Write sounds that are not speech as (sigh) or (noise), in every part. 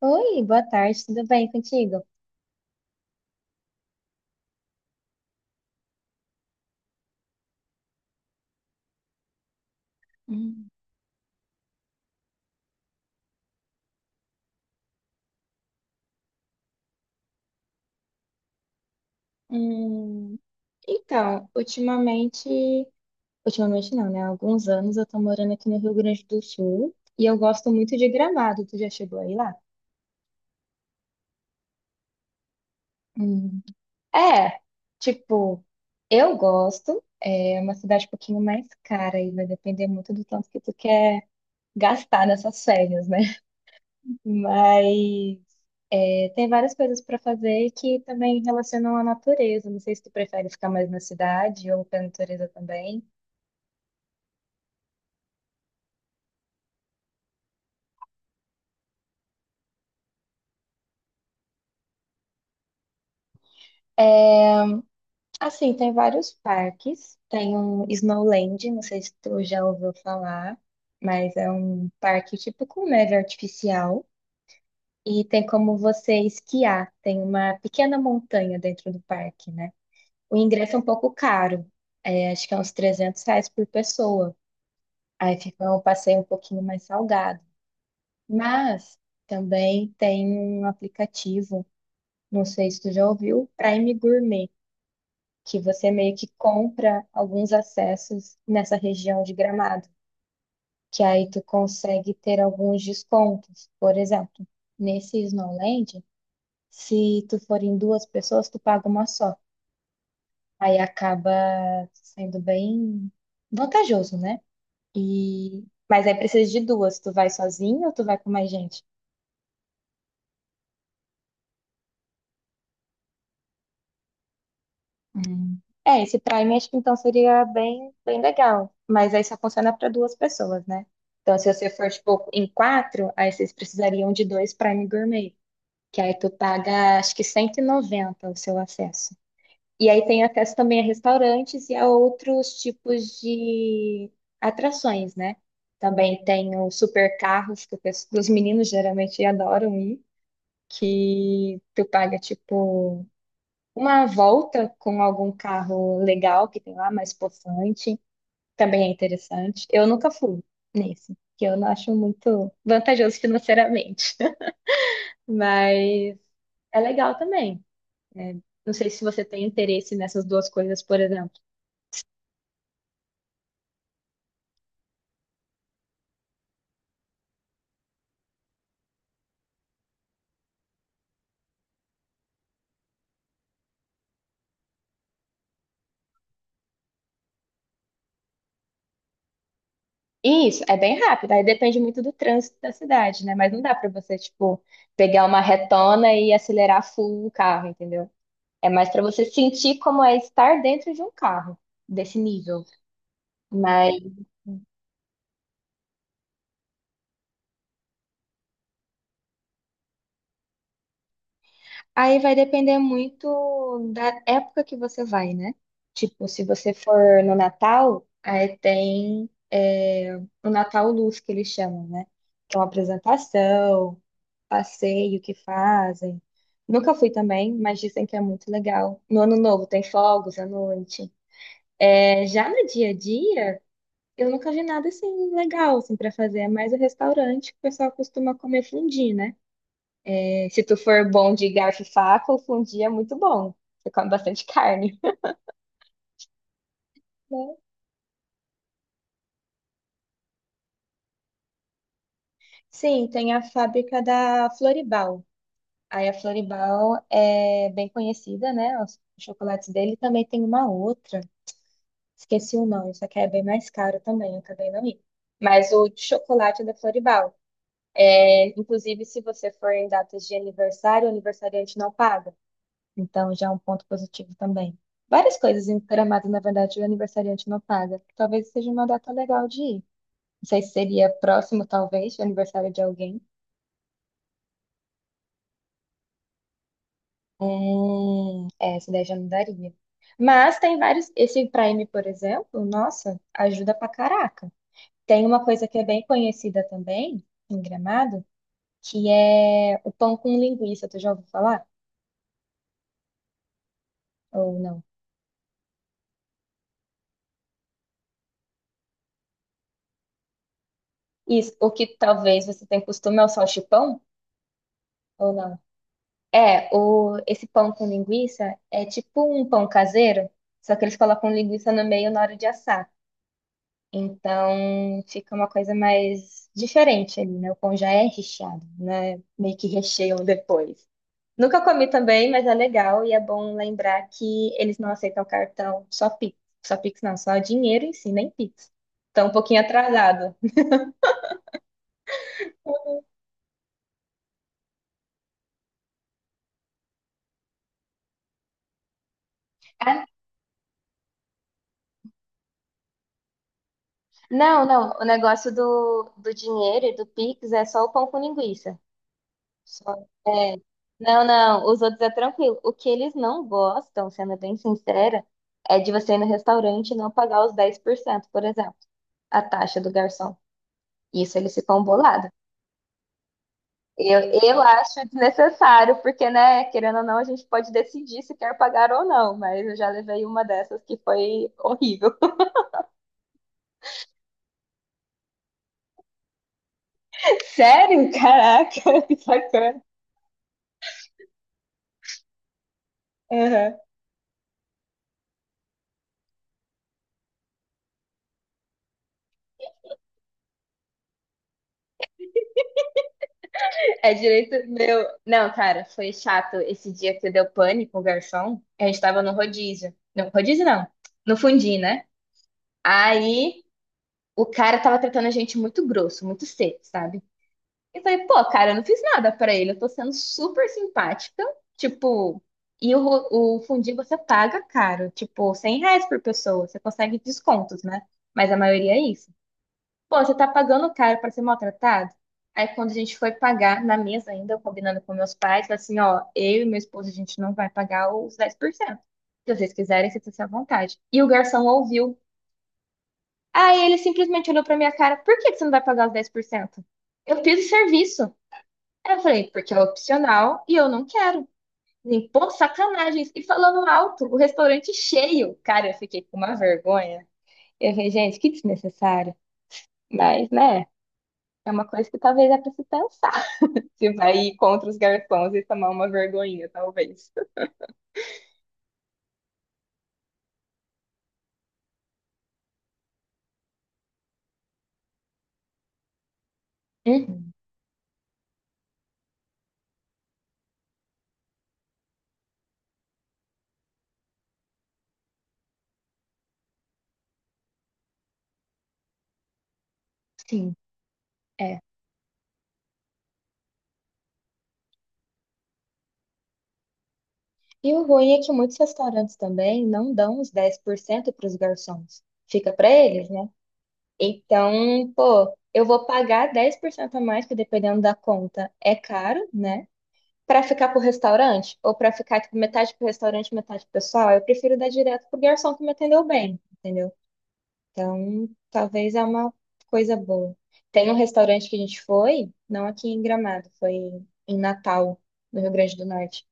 Oi, boa tarde, tudo bem contigo? Hum. Hum, Então, ultimamente, ultimamente não, né? Há alguns anos eu tô morando aqui no Rio Grande do Sul e eu gosto muito de Gramado. Tu já chegou aí lá? Hum, É, tipo, eu gosto. É uma cidade um pouquinho mais cara e vai depender muito do tanto que tu quer gastar nessas férias, né? (laughs) Mas é, tem várias coisas para fazer que também relacionam à natureza. Não sei se tu prefere ficar mais na cidade ou pra natureza também. É, assim, tem vários parques. Tem um Snowland, não sei se tu já ouviu falar, mas é um parque tipo com neve artificial. E tem como você esquiar. Tem uma pequena montanha dentro do parque, né? O ingresso é um pouco caro. É, acho que é uns R$ 300 por pessoa. Aí fica um passeio um pouquinho mais salgado. Mas também tem um aplicativo, não sei se tu já ouviu, Prime Gourmet, que você meio que compra alguns acessos nessa região de Gramado, que aí tu consegue ter alguns descontos. Por exemplo, nesse Snowland, se tu for em duas pessoas, tu paga uma só. Aí acaba sendo bem vantajoso, né? E mas aí precisa de duas, tu vai sozinho ou tu vai com mais gente? Hum. É, esse Prime acho que então seria bem, bem legal. Mas aí só funciona para duas pessoas, né? Então, se você for, tipo, em quatro, aí vocês precisariam de dois Prime Gourmet. Que aí tu paga, acho que 190 o seu acesso. E aí tem acesso também a restaurantes e a outros tipos de atrações, né? Também tem os supercarros, que os meninos geralmente adoram ir, que tu paga, tipo. Uma volta com algum carro legal que tem lá, mais possante, também é interessante. Eu nunca fui nesse, que eu não acho muito vantajoso financeiramente. (laughs) Mas é legal também, né? Não sei se você tem interesse nessas duas coisas, por exemplo. E isso, é bem rápido, aí depende muito do trânsito da cidade, né? Mas não dá pra você, tipo, pegar uma retona e acelerar full o carro, entendeu? É mais pra você sentir como é estar dentro de um carro desse nível. Mas Aí vai depender muito da época que você vai, né? Tipo, se você for no Natal, aí tem o Natal Luz, que eles chamam, né? Que é uma apresentação, passeio que fazem. Nunca fui também, mas dizem que é muito legal. No Ano Novo tem fogos à noite. É, já no dia a dia, eu nunca vi nada assim legal assim, para fazer. É mais o restaurante que o pessoal costuma comer fondue, né? Se tu for bom de garfo e faca, o fundi é muito bom. Você come bastante carne. Né? Sim, tem a fábrica da Floribal. Aí a Floribal é bem conhecida, né? Os chocolates dele também tem uma outra. Esqueci o nome, isso aqui é bem mais caro também, eu acabei não indo. Mas o de chocolate é da Floribal. É, inclusive, se você for em datas de aniversário, o aniversariante não paga. Então, já é um ponto positivo também. Várias coisas em Gramado, na verdade, o aniversariante não paga. Talvez seja uma data legal de ir. Não sei se seria próximo, talvez, do aniversário de alguém. É, essa daí já não daria. Mas tem vários. Esse Prime, por exemplo, nossa, ajuda pra caraca. Tem uma coisa que é bem conhecida também, em Gramado, que é o pão com linguiça. Tu já ouviu falar? Ou não? Isso. O que talvez você tenha costume é o salchipão? Ou não? É, esse pão com linguiça é tipo um pão caseiro, só que eles colocam linguiça no meio na hora de assar. Então fica uma coisa mais diferente ali, né? O pão já é recheado, né? Meio que recheiam depois. Nunca comi também, mas é legal e é bom lembrar que eles não aceitam cartão, só Pix. Só Pix não, só dinheiro em si, nem Pix. Então um pouquinho atrasado. Ah, não, não, o negócio do dinheiro e do Pix é só o pão com linguiça. É. Não, não, os outros é tranquilo. O que eles não gostam, sendo bem sincera, é de você ir no restaurante e não pagar os 10%, por exemplo, a taxa do garçom. Isso eles ficam bolados. Eu acho desnecessário, porque, né, querendo ou não, a gente pode decidir se quer pagar ou não, mas eu já levei uma dessas que foi horrível. (laughs) Sério? Caraca, (laughs) que sacana. Uhum. É direito meu. Não, cara, foi chato esse dia que deu pane com o garçom. A gente tava no rodízio. Não, rodízio não. No fundi, né? Aí o cara tava tratando a gente muito grosso, muito seco, sabe? Eu falei, pô, cara, eu não fiz nada pra ele. Eu tô sendo super simpática. Tipo, e o, ro- o fundi você paga caro. Tipo, R$ 100 por pessoa. Você consegue descontos, né? Mas a maioria é isso. Pô, você tá pagando caro pra ser maltratado? Aí quando a gente foi pagar na mesa ainda, eu combinando com meus pais, falei assim, ó, eu e meu esposo, a gente não vai pagar os 10%. Se vocês quiserem, vocês estão à vontade. E o garçom ouviu. Aí ele simplesmente olhou pra minha cara, por que que você não vai pagar os 10%? Eu fiz o serviço. Aí eu falei, porque é opcional e eu não quero. Assim, pô, sacanagens. E falando alto, o restaurante cheio. Cara, eu fiquei com uma vergonha. Eu falei, gente, que desnecessário. Mas, né, é uma coisa que talvez é pra se pensar. Se vai ir contra os garçons e tomar uma vergonhinha, talvez. Uhum, sim, é. E o ruim é que muitos restaurantes também não dão os 10% para os garçons. Fica para eles, né? Então, pô, eu vou pagar 10% a mais, que dependendo da conta é caro, né? Para ficar pro restaurante, ou para ficar tipo, metade pro restaurante, metade pro pessoal, eu prefiro dar direto pro garçom que me atendeu bem, entendeu? Então, talvez é uma coisa boa. Tem um restaurante que a gente foi, não aqui em Gramado, foi em Natal, no Rio Grande do Norte.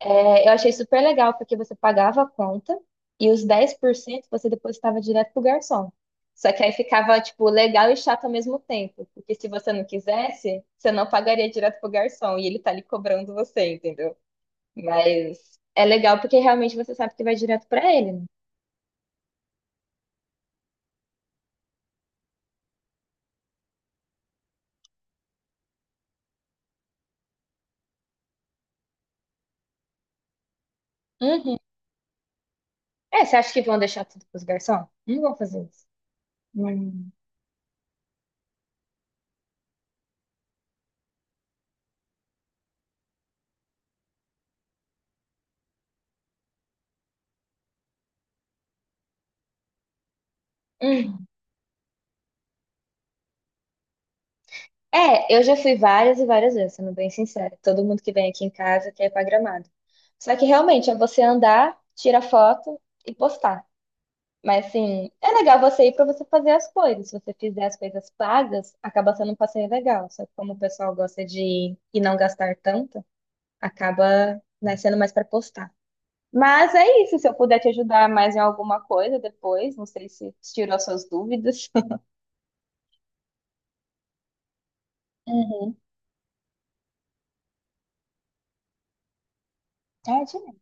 É, eu achei super legal, porque você pagava a conta e os 10% você depositava direto pro garçom. Só que aí ficava, tipo, legal e chato ao mesmo tempo. Porque se você não quisesse, você não pagaria direto pro garçom e ele tá ali cobrando você, entendeu? Mas é legal porque realmente você sabe que vai direto pra ele, né? Uhum. É, você acha que vão deixar tudo pros garçom? Não vão fazer isso. Hum. Hum. É, eu já fui várias e várias vezes, sendo bem sincera. Todo mundo que vem aqui em casa quer ir pra Gramado. Só que realmente é você andar, tirar foto e postar. Mas assim, é legal você ir pra você fazer as coisas. Se você fizer as coisas pagas, acaba sendo um passeio legal. Só que como o pessoal gosta de ir e não gastar tanto, acaba, né, sendo mais pra postar. Mas é isso, se eu puder te ajudar mais em alguma coisa depois, não sei se tirou suas dúvidas. Uhum, tá ótimo.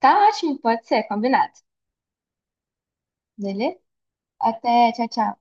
Tá ótimo, pode ser, combinado. Beleza? Até, tchau, tchau.